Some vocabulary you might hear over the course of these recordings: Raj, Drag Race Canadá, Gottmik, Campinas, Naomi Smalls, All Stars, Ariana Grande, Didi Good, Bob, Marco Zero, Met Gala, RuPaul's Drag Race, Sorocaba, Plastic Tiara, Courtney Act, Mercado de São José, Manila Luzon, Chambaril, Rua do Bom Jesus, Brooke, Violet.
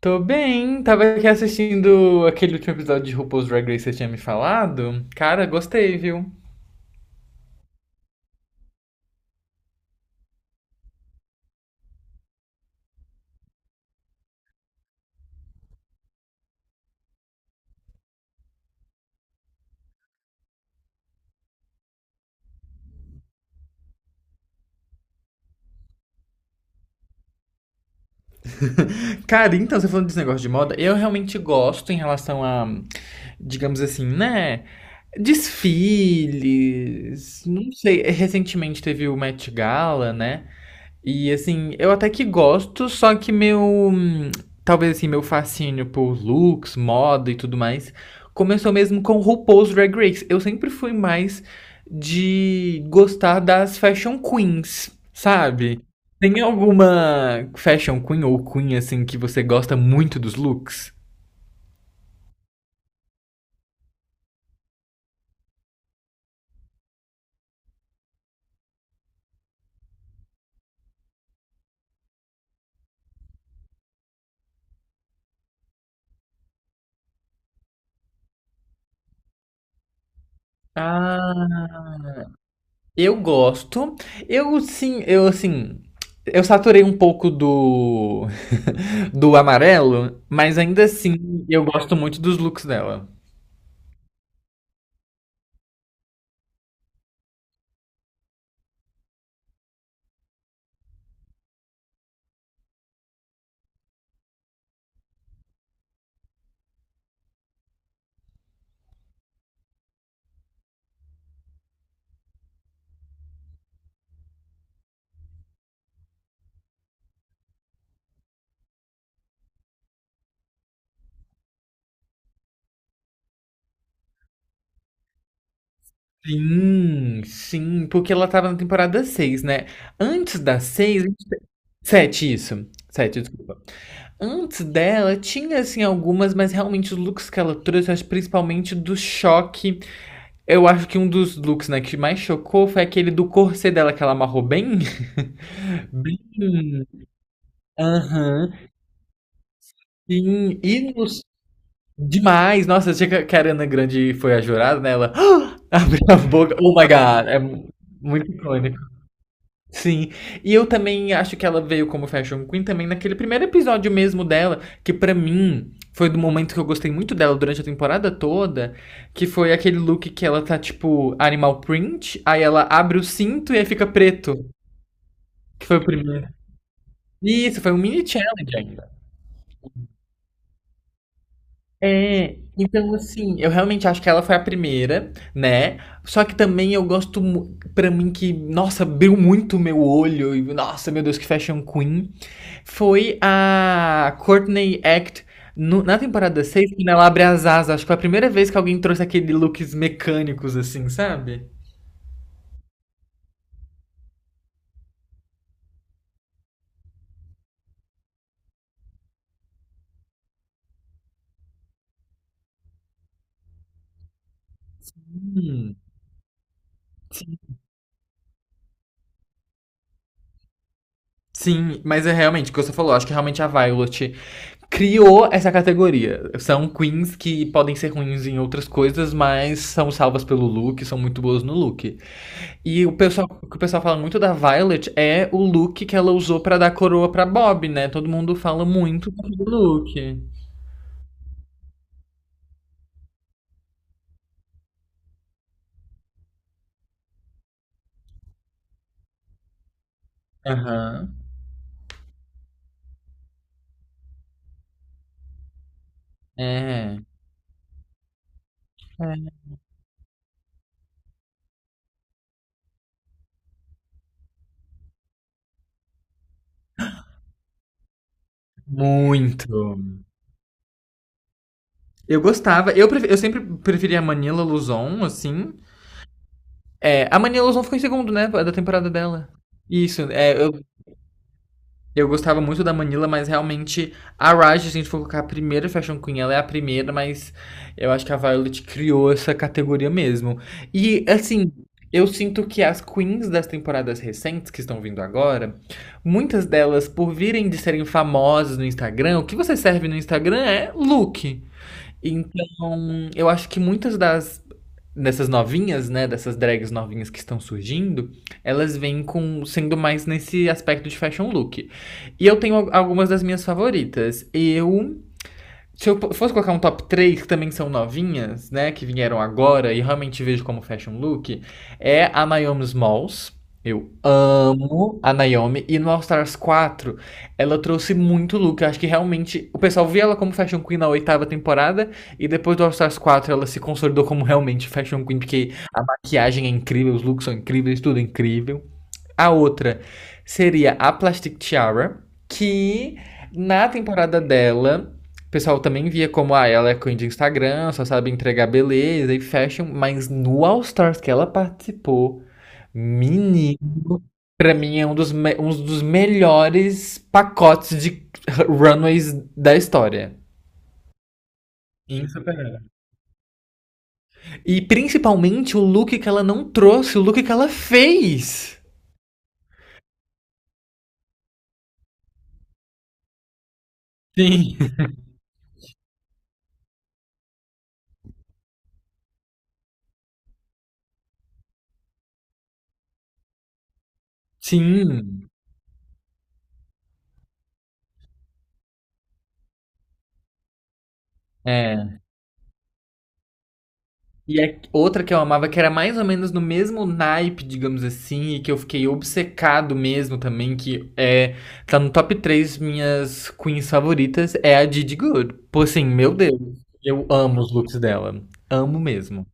Tô bem, tava aqui assistindo aquele último episódio de RuPaul's Drag Race que você tinha me falado. Cara, gostei, viu? Cara, então, você falando desse negócio de moda, eu realmente gosto em relação a, digamos assim, né? Desfiles. Não sei, recentemente teve o Met Gala, né? E assim, eu até que gosto, só que meu. Hum, Talvez assim, meu fascínio por looks, moda e tudo mais começou mesmo com RuPaul's Drag Race. Eu sempre fui mais de gostar das fashion queens, sabe? Tem alguma fashion queen ou queen assim que você gosta muito dos looks? Ah, eu gosto. Eu sim, eu saturei um pouco do do amarelo, mas ainda assim eu gosto muito dos looks dela. Sim, sim, porque ela tava na temporada 6, né? Antes da 6, 7 isso. Sete, desculpa. Antes dela, tinha assim algumas, mas realmente os looks que ela trouxe, eu acho principalmente do choque. Eu acho que um dos looks, né, que mais chocou foi aquele do corset dela que ela amarrou bem. Bem. Aham. Sim. Demais. Nossa, achei que a Ariana Grande foi a jurada, né? Ela abriu a boca. Oh my God. Muito icônico. Sim, e eu também acho que ela veio como Fashion Queen também naquele primeiro episódio mesmo dela, que pra mim foi do momento que eu gostei muito dela durante a temporada toda, que foi aquele look que ela tá tipo animal print, aí ela abre o cinto e aí fica preto, que foi o primeiro. Isso, foi um mini challenge. É, então assim, eu realmente acho que ela foi a primeira, né? Só que também eu pra mim que, nossa, abriu muito o meu olho e nossa, meu Deus, que fashion queen, foi a Courtney Act na temporada 6, quando ela abre as asas, acho que foi a primeira vez que alguém trouxe aquele looks mecânicos assim, sabe? Hum. Sim, mas é realmente o que você falou. Acho que realmente a Violet criou essa categoria. São queens que podem ser ruins em outras coisas, mas são salvas pelo look, são muito boas no look. E o pessoal, o que o pessoal fala muito da Violet é o look que ela usou pra dar coroa pra Bob, né? Todo mundo fala muito do look. Aham. É. É. Muito. Eu gostava. Eu sempre preferia a Manila Luzon, assim. É, a Manila Luzon ficou em segundo, né? Da temporada dela. Isso, é, eu gostava muito da Manila, mas realmente a Raj, se a gente for colocar a primeira Fashion Queen, ela é a primeira, mas eu acho que a Violet criou essa categoria mesmo. E assim, eu sinto que as queens das temporadas recentes que estão vindo agora, muitas delas, por virem de serem famosas no Instagram, o que você serve no Instagram é look. Então, eu acho que muitas das dessas novinhas, né, dessas drags novinhas que estão surgindo, elas vêm com sendo mais nesse aspecto de fashion look. E eu tenho algumas das minhas favoritas. Eu Se eu fosse colocar um top 3 que também são novinhas, né, que vieram agora e realmente vejo como fashion look, é a Naomi Smalls. Eu amo a Naomi e no All Stars 4, ela trouxe muito look. Eu acho que realmente o pessoal via ela como Fashion Queen na oitava temporada e depois do All Stars 4 ela se consolidou como realmente Fashion Queen, porque maquiagem é incrível, os looks são incríveis, tudo é incrível. A outra seria a Plastic Tiara, que na temporada dela, o pessoal também via como ah, ela é queen de Instagram, só sabe entregar beleza e fashion, mas no All Stars que ela participou, menino, pra mim é um dos melhores pacotes de runways da história. Insuperável. E principalmente o look que ela não trouxe, o look que ela fez. Sim. Sim, é. E a outra que eu amava, que era mais ou menos no mesmo naipe, digamos assim, e que eu fiquei obcecado mesmo também, que é, tá no top 3 minhas queens favoritas, é a Didi Good. Pô, assim, meu Deus, eu amo os looks dela. Amo mesmo.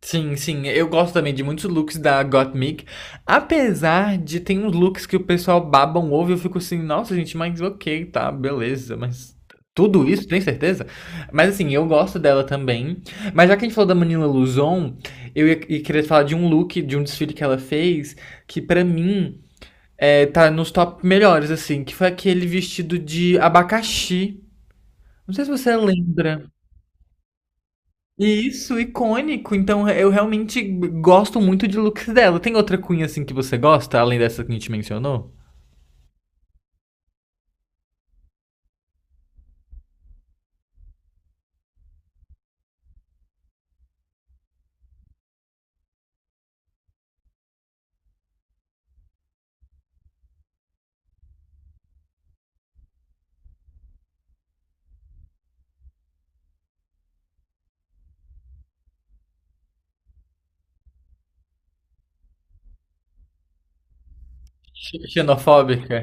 Sim, sim. Eu gosto também de muitos looks da Gottmik. Apesar de tem uns looks que o pessoal baba um ovo, e eu fico assim, nossa, gente, mas ok, tá, beleza, mas. Tudo isso, tem certeza? Mas assim, eu gosto dela também. Mas já que a gente falou da Manila Luzon, eu ia querer falar de um look, de um desfile que ela fez, que pra mim é, tá nos top melhores, assim, que foi aquele vestido de abacaxi. Não sei se você lembra. Isso, icônico. Então eu realmente gosto muito de looks dela. Tem outra cunha assim que você gosta, além dessa que a gente mencionou? Xe- Xenofóbica?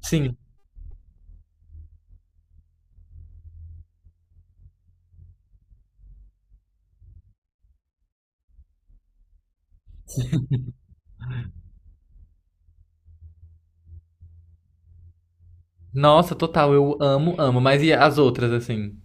Sim. Nossa, total, eu amo, amo. Mas e as outras, assim?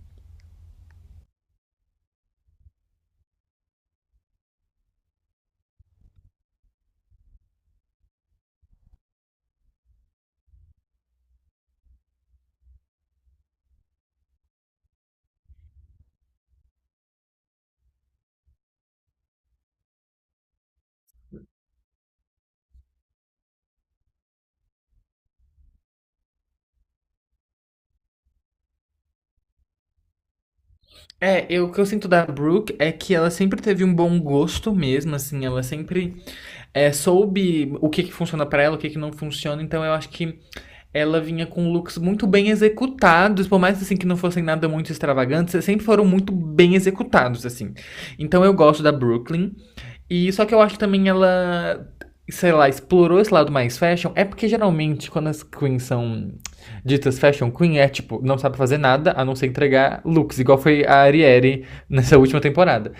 É, eu, o que eu sinto da Brooke é que ela sempre teve um bom gosto mesmo, assim, ela sempre soube o que que funciona pra ela, o que que não funciona, então eu acho que ela vinha com looks muito bem executados, por mais assim que não fossem nada muito extravagantes, sempre foram muito bem executados assim. Então eu gosto da Brooklyn e só que eu acho que também ela sei lá, explorou esse lado mais fashion, é porque geralmente quando as queens são ditas fashion queen, é tipo, não sabe fazer nada a não ser entregar looks, igual foi a Ariere nessa última temporada.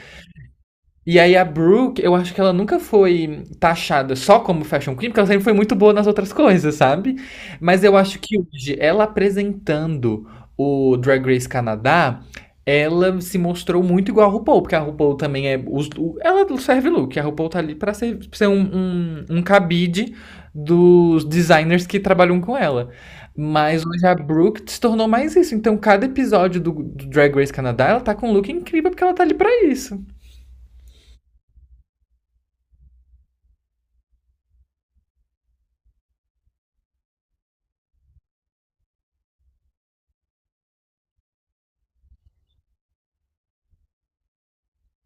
E aí a Brooke, eu acho que ela nunca foi taxada só como fashion queen, porque ela sempre foi muito boa nas outras coisas, sabe? Mas eu acho que hoje, ela apresentando o Drag Race Canadá, ela se mostrou muito igual a RuPaul, porque a RuPaul também é... ela serve look, a RuPaul tá ali pra ser, um, um, cabide dos designers que trabalham com ela. Mas hoje a Brooke se tornou mais isso. Então, cada episódio do Drag Race Canadá, ela tá com um look incrível porque ela tá ali pra isso.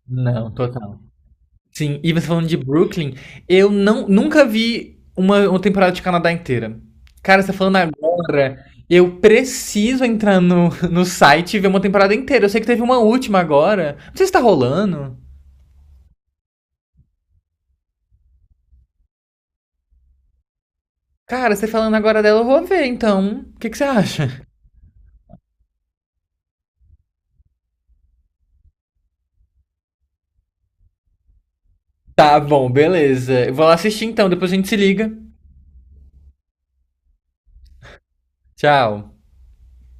Não, total. Sim, e você falando de Brooklyn, eu não, nunca vi uma temporada de Canadá inteira. Cara, você falando agora, eu preciso entrar no site e ver uma temporada inteira. Eu sei que teve uma última agora. Não sei se tá rolando. Cara, você falando agora dela, eu vou ver, então. O que que você acha? Tá bom, beleza. Eu vou lá assistir então, depois a gente se liga. Tchau.